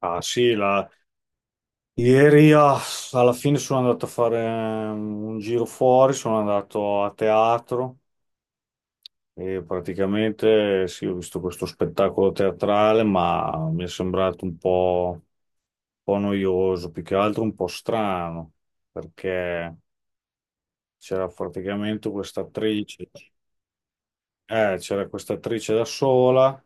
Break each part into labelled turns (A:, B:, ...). A: Ah sì, ieri alla fine sono andato a fare un giro fuori, sono andato a teatro e praticamente sì, ho visto questo spettacolo teatrale, ma mi è sembrato un po' noioso, più che altro un po' strano, perché c'era praticamente questa attrice, c'era questa attrice da sola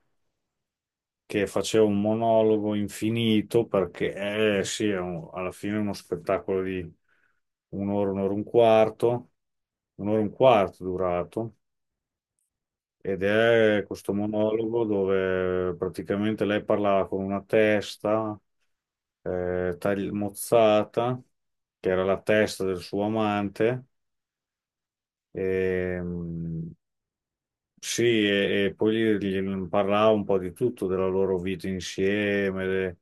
A: che facevo un monologo infinito perché sì, alla fine è uno spettacolo di un'ora, un'ora e un quarto, un'ora e un quarto durato, ed è questo monologo dove praticamente lei parlava con una testa mozzata, che era la testa del suo amante. E, Sì, e poi gli parlava un po' di tutto, della loro vita insieme,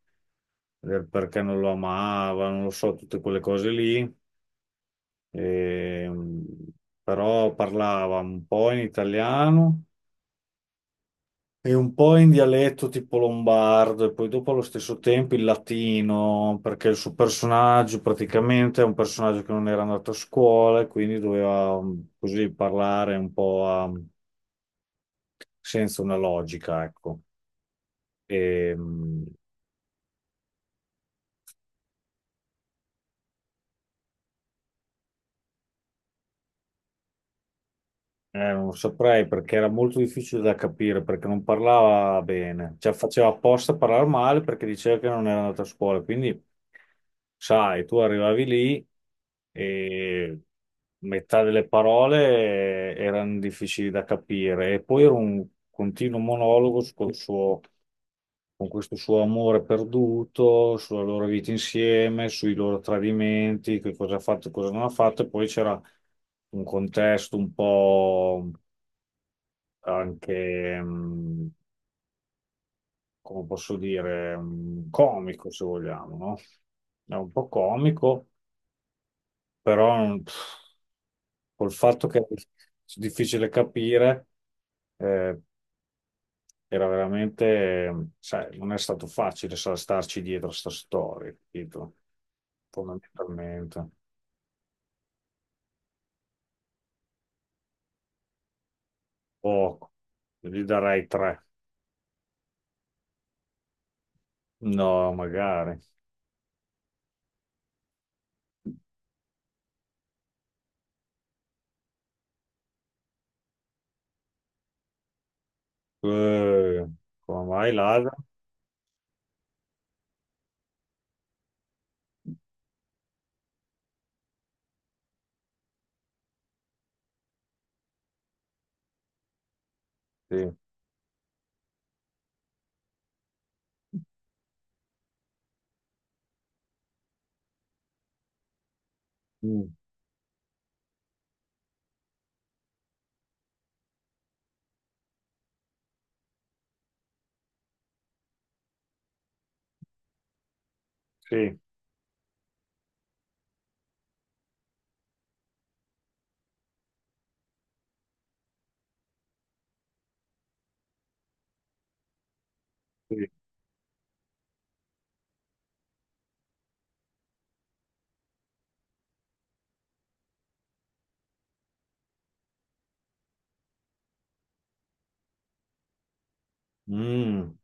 A: del perché non lo amava, non lo so, tutte quelle cose lì. E, mh, Però parlava un po' in italiano e un po' in dialetto tipo lombardo, e poi dopo allo stesso tempo in latino, perché il suo personaggio praticamente è un personaggio che non era andato a scuola e quindi doveva così parlare un po' senza una logica, ecco. E, mh, Non saprei perché era molto difficile da capire perché non parlava bene, cioè faceva apposta a parlare male perché diceva che non era andata a scuola. Quindi, sai, tu arrivavi lì e metà delle parole erano difficili da capire, e poi era un continuo monologo sul suo con questo suo amore perduto, sulla loro vita insieme, sui loro tradimenti, che cosa ha fatto e cosa non ha fatto, e poi c'era un contesto un po' anche, come posso dire, comico, se vogliamo, no? È un po' comico, però col fatto che è difficile capire. eh, Era veramente, sai, non è stato facile starci dietro a sta storia, capito? Fondamentalmente. Poco. Gli darei 3. No, magari. Eh, Come mai Ladra? Sì. Mm. Sì, sì. Mm,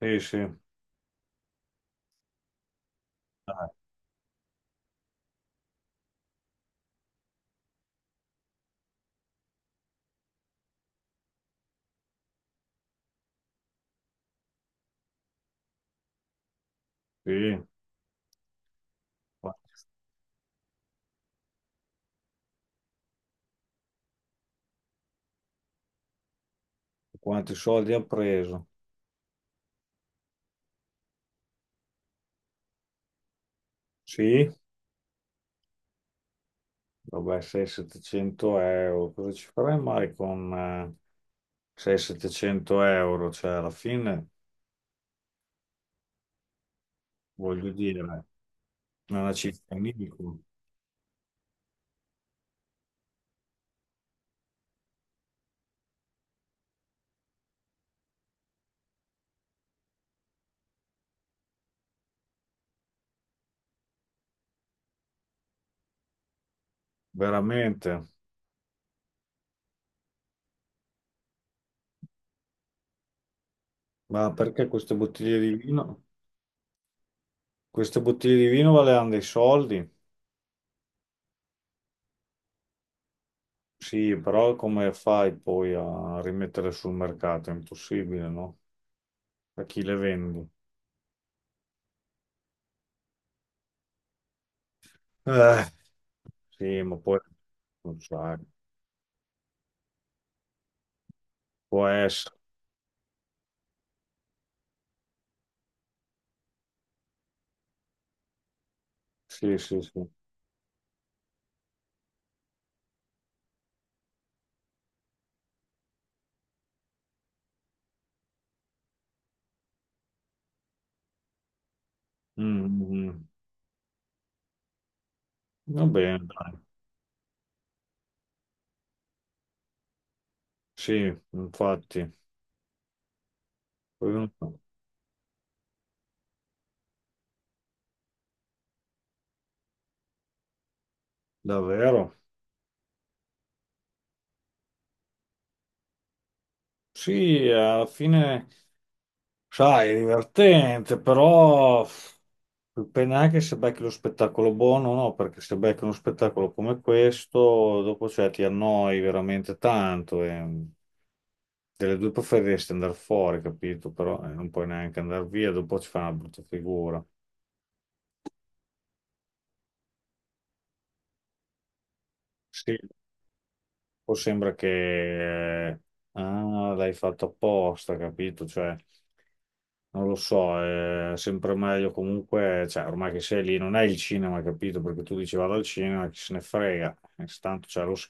A: sì, sì. Dai, sì. Quanti quanti soldi ha preso? Sì, vabbè, 6-700 euro. Cosa ci farei mai con 6-700 euro? Cioè, alla fine, voglio dire, è una città inimico, veramente. Ma perché queste bottiglie di vino? Queste bottiglie di vino valevano dei soldi? Sì, però come fai poi a rimettere sul mercato? È impossibile, no? A chi le vendi? Eh, sì, ma poi non sai, può essere. Sì, sì, sì. Mm, mm, mm. Va bene, dai. Sì, infatti. Poi non so. Davvero? Sì, alla fine. Sai, è divertente, però dipende anche se becchi lo spettacolo buono o no, perché se becchi uno spettacolo come questo, dopo cioè, ti annoi veramente tanto e delle due preferiresti andare fuori, capito? Però non puoi neanche andare via, dopo ci fa una brutta figura. Sì, o sembra che l'hai fatto apposta, capito? Cioè, non lo so, è sempre meglio comunque, cioè, ormai che sei lì, non è il cinema, capito? Perché tu dici vado al cinema, chi se ne frega. Tanto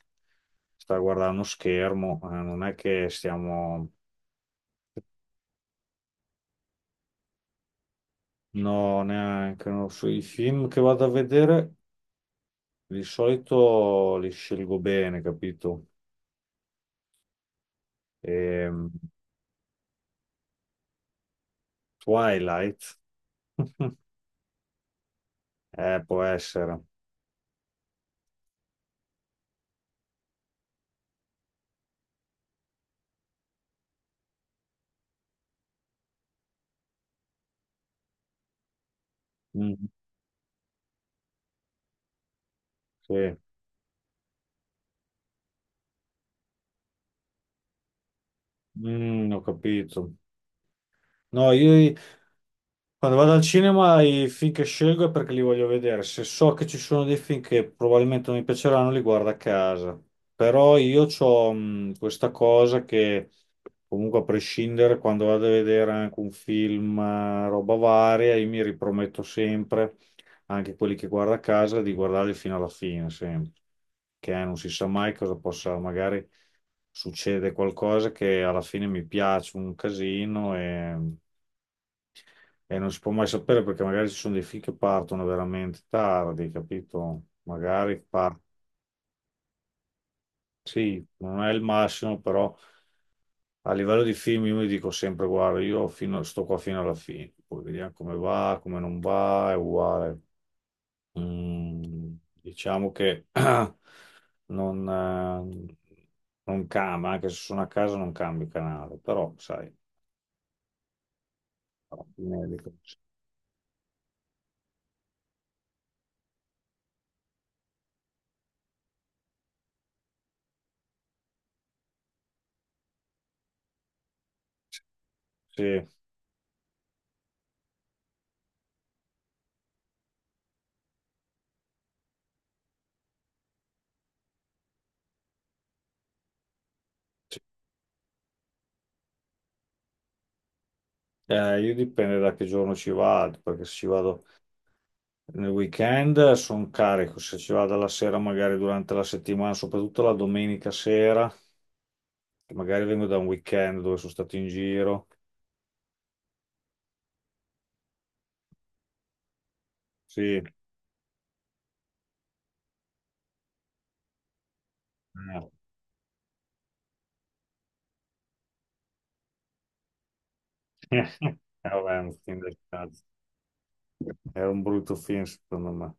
A: sta guardando uno schermo, non è che stiamo. No, neanche, non so, i film che vado a vedere di solito li scelgo bene, capito? Ehm, Twilight. Può essere. Mm-hmm. Sì. Mm, ho capito. No, io quando vado al cinema i film che scelgo è perché li voglio vedere. Se so che ci sono dei film che probabilmente non mi piaceranno, li guardo a casa. Però io ho questa cosa che comunque a prescindere quando vado a vedere anche un film, roba varia, io mi riprometto sempre, anche quelli che guardo a casa, di guardarli fino alla fine, sempre. Che non si sa mai cosa possa magari, succede qualcosa che alla fine mi piace un casino, e non si può mai sapere perché magari ci sono dei film che partono veramente tardi, capito? Sì, non è il massimo, però a livello di film io mi dico sempre, guarda, io sto qua fino alla fine, poi vediamo come va, come non va, è uguale. Mm, diciamo che non, eh, non cambia, anche se sono a casa non cambio canale, però sai, alla fine dico, sì. Sì. Io dipende da che giorno ci vado, perché se ci vado nel weekend sono carico, se ci vado la sera, magari durante la settimana, soprattutto la domenica sera, che magari vengo da un weekend dove sono stato in giro. Sì, eh. Vabbè, è un film del cazzo. È un brutto film, secondo me.